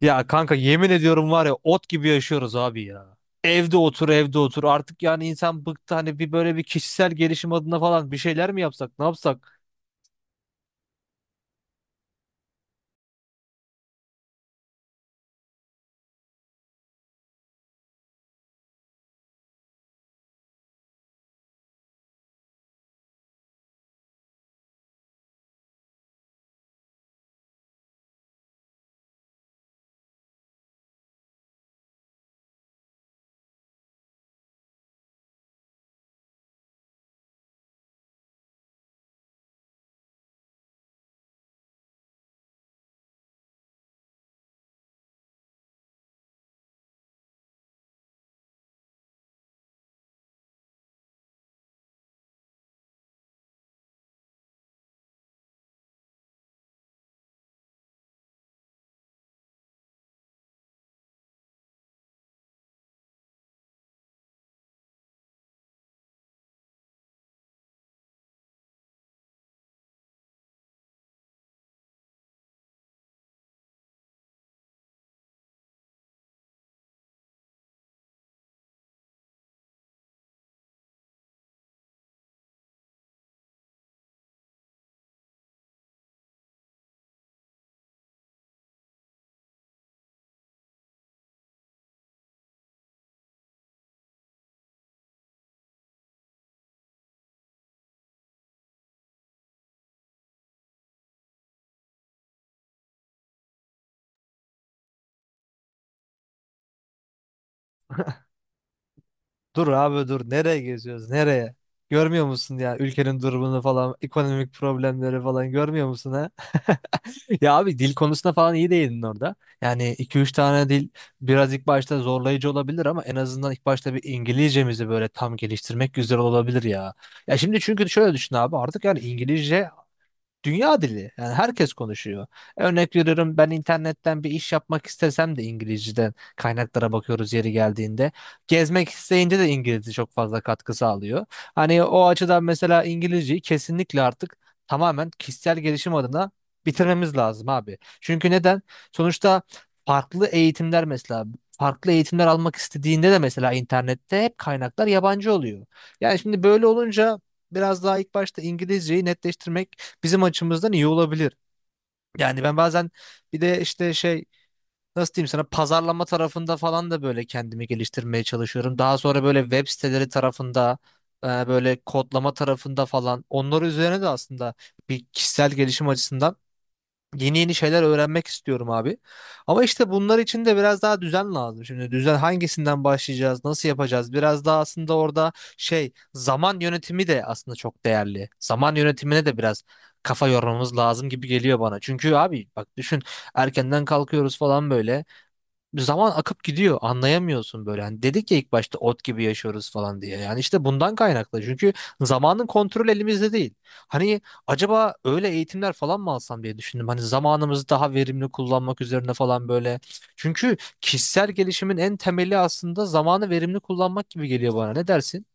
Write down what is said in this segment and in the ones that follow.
Ya kanka yemin ediyorum var ya ot gibi yaşıyoruz abi ya. Evde otur evde otur artık yani insan bıktı hani bir böyle bir kişisel gelişim adına falan bir şeyler mi yapsak ne yapsak? Dur abi dur nereye geziyoruz nereye? Görmüyor musun ya ülkenin durumunu falan ekonomik problemleri falan görmüyor musun ha? Ya abi dil konusunda falan iyi değildin orada. Yani iki üç tane dil biraz ilk başta zorlayıcı olabilir ama en azından ilk başta bir İngilizcemizi böyle tam geliştirmek güzel olabilir ya. Ya şimdi çünkü şöyle düşün abi artık yani İngilizce dünya dili. Yani herkes konuşuyor. Örnek veriyorum ben internetten bir iş yapmak istesem de İngilizceden kaynaklara bakıyoruz yeri geldiğinde. Gezmek isteyince de İngilizce çok fazla katkı sağlıyor. Hani o açıdan mesela İngilizceyi kesinlikle artık tamamen kişisel gelişim adına bitirmemiz lazım abi. Çünkü neden? Sonuçta farklı eğitimler mesela farklı eğitimler almak istediğinde de mesela internette hep kaynaklar yabancı oluyor. Yani şimdi böyle olunca biraz daha ilk başta İngilizceyi netleştirmek bizim açımızdan iyi olabilir. Yani ben bazen bir de işte şey nasıl diyeyim sana pazarlama tarafında falan da böyle kendimi geliştirmeye çalışıyorum. Daha sonra böyle web siteleri tarafında böyle kodlama tarafında falan onlar üzerine de aslında bir kişisel gelişim açısından yeni yeni şeyler öğrenmek istiyorum abi. Ama işte bunlar için de biraz daha düzen lazım. Şimdi düzen hangisinden başlayacağız, nasıl yapacağız? Biraz daha aslında orada şey zaman yönetimi de aslında çok değerli. Zaman yönetimine de biraz kafa yormamız lazım gibi geliyor bana. Çünkü abi bak düşün erkenden kalkıyoruz falan böyle zaman akıp gidiyor. Anlayamıyorsun böyle. Hani dedik ya ilk başta ot gibi yaşıyoruz falan diye. Yani işte bundan kaynaklı. Çünkü zamanın kontrol elimizde değil. Hani acaba öyle eğitimler falan mı alsam diye düşündüm. Hani zamanımızı daha verimli kullanmak üzerine falan böyle. Çünkü kişisel gelişimin en temeli aslında zamanı verimli kullanmak gibi geliyor bana. Ne dersin?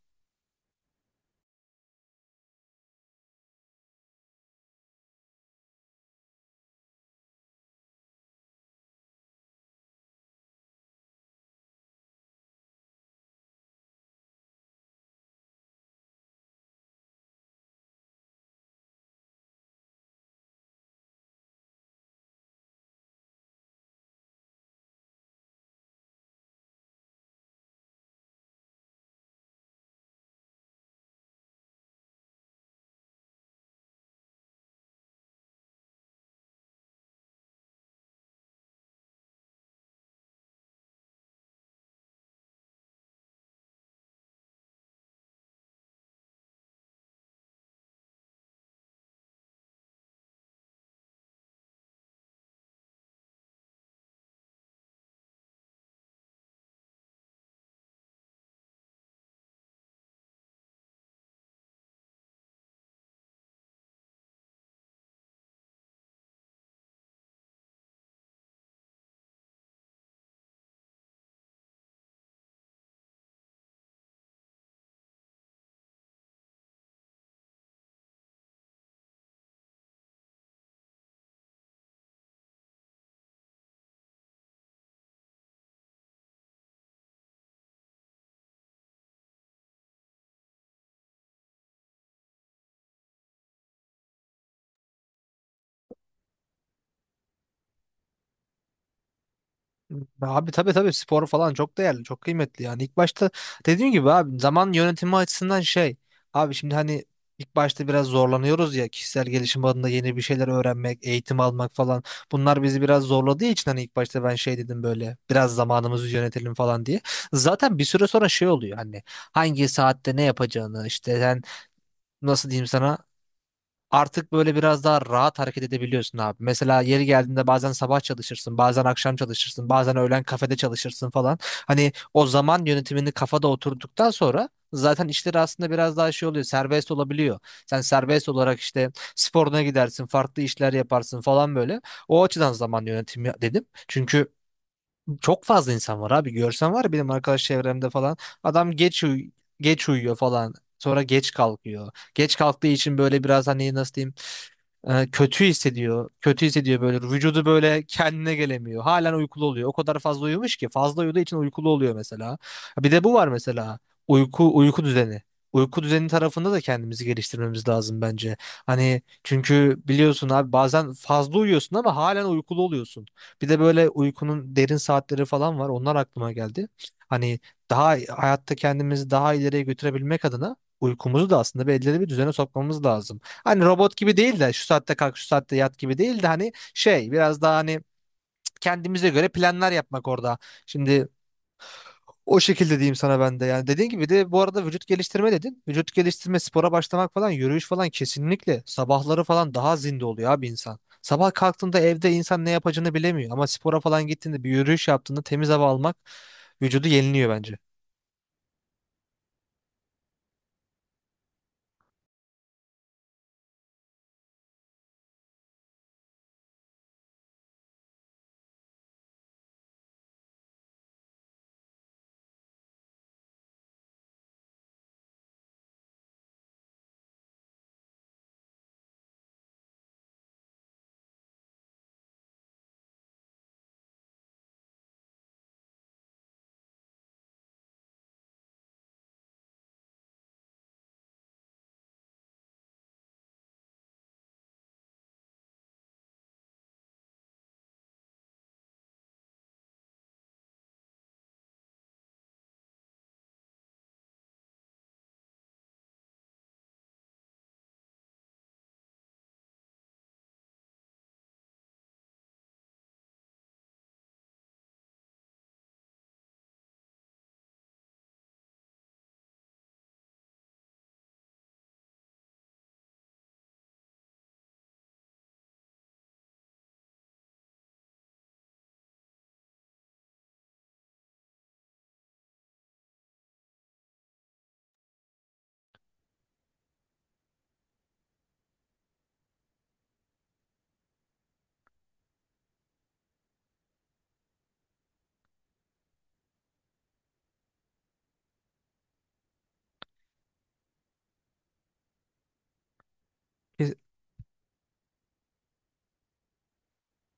Abi tabii tabii spor falan çok değerli, çok kıymetli yani. İlk başta dediğim gibi abi zaman yönetimi açısından şey. Abi şimdi hani ilk başta biraz zorlanıyoruz ya kişisel gelişim adında yeni bir şeyler öğrenmek, eğitim almak falan. Bunlar bizi biraz zorladığı için hani ilk başta ben şey dedim böyle biraz zamanımızı yönetelim falan diye. Zaten bir süre sonra şey oluyor hani hangi saatte ne yapacağını işte sen nasıl diyeyim sana artık böyle biraz daha rahat hareket edebiliyorsun abi. Mesela yeri geldiğinde bazen sabah çalışırsın, bazen akşam çalışırsın, bazen öğlen kafede çalışırsın falan. Hani o zaman yönetimini kafada oturduktan sonra zaten işleri aslında biraz daha şey oluyor, serbest olabiliyor. Sen serbest olarak işte sporuna gidersin, farklı işler yaparsın falan böyle. O açıdan zaman yönetimi dedim. Çünkü çok fazla insan var abi. Görsen var ya benim arkadaş çevremde falan. Adam geç uyuyor falan. Sonra geç kalkıyor. Geç kalktığı için böyle biraz hani nasıl diyeyim kötü hissediyor. Kötü hissediyor böyle. Vücudu böyle kendine gelemiyor. Halen uykulu oluyor. O kadar fazla uyumuş ki fazla uyuduğu için uykulu oluyor mesela. Bir de bu var mesela. Uyku düzeni. Uyku düzeni tarafında da kendimizi geliştirmemiz lazım bence. Hani çünkü biliyorsun abi bazen fazla uyuyorsun ama halen uykulu oluyorsun. Bir de böyle uykunun derin saatleri falan var. Onlar aklıma geldi. Hani daha hayatta kendimizi daha ileriye götürebilmek adına uykumuzu da aslında belirli bir düzene sokmamız lazım. Hani robot gibi değil de şu saatte kalk şu saatte yat gibi değil de hani şey biraz daha hani kendimize göre planlar yapmak orada. Şimdi o şekilde diyeyim sana ben de yani dediğin gibi de bu arada vücut geliştirme dedin. Vücut geliştirme spora başlamak falan yürüyüş falan kesinlikle sabahları falan daha zinde oluyor abi insan. Sabah kalktığında evde insan ne yapacağını bilemiyor ama spora falan gittiğinde bir yürüyüş yaptığında temiz hava almak vücudu yeniliyor bence.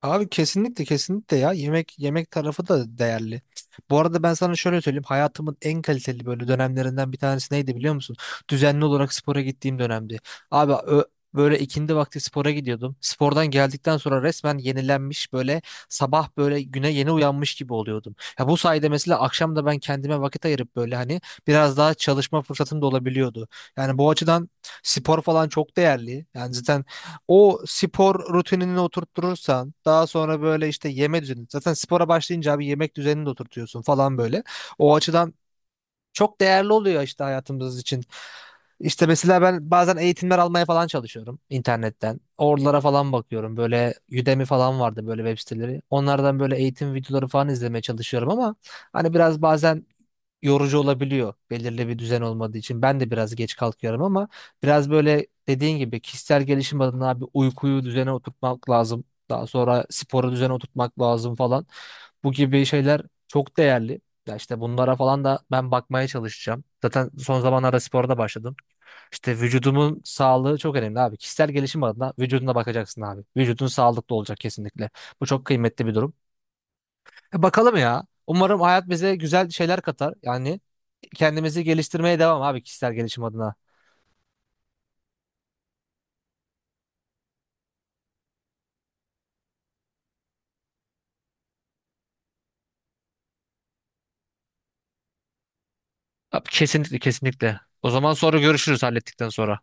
Abi kesinlikle kesinlikle ya yemek yemek tarafı da değerli. Bu arada ben sana şöyle söyleyeyim hayatımın en kaliteli böyle dönemlerinden bir tanesi neydi biliyor musun? Düzenli olarak spora gittiğim dönemdi. Abi ö- Böyle ikindi vakti spora gidiyordum. Spordan geldikten sonra resmen yenilenmiş böyle sabah böyle güne yeni uyanmış gibi oluyordum. Ya bu sayede mesela akşam da ben kendime vakit ayırıp böyle hani biraz daha çalışma fırsatım da olabiliyordu. Yani bu açıdan spor falan çok değerli. Yani zaten o spor rutinini oturtturursan daha sonra böyle işte yeme düzeni zaten spora başlayınca abi yemek düzenini de oturtuyorsun falan böyle. O açıdan çok değerli oluyor işte hayatımız için. İşte mesela ben bazen eğitimler almaya falan çalışıyorum internetten. Oralara falan bakıyorum. Böyle Udemy falan vardı böyle web siteleri. Onlardan böyle eğitim videoları falan izlemeye çalışıyorum ama hani biraz bazen yorucu olabiliyor belirli bir düzen olmadığı için. Ben de biraz geç kalkıyorum ama biraz böyle dediğin gibi kişisel gelişim adına bir uykuyu düzene oturtmak lazım. Daha sonra sporu düzene oturtmak lazım falan. Bu gibi şeyler çok değerli. Ya işte bunlara falan da ben bakmaya çalışacağım. Zaten son zamanlarda spora da başladım. İşte vücudumun sağlığı çok önemli abi. Kişisel gelişim adına vücuduna bakacaksın abi. Vücudun sağlıklı olacak kesinlikle. Bu çok kıymetli bir durum. Bakalım ya. Umarım hayat bize güzel şeyler katar. Yani kendimizi geliştirmeye devam abi kişisel gelişim adına. Abi, kesinlikle kesinlikle. O zaman sonra görüşürüz hallettikten sonra.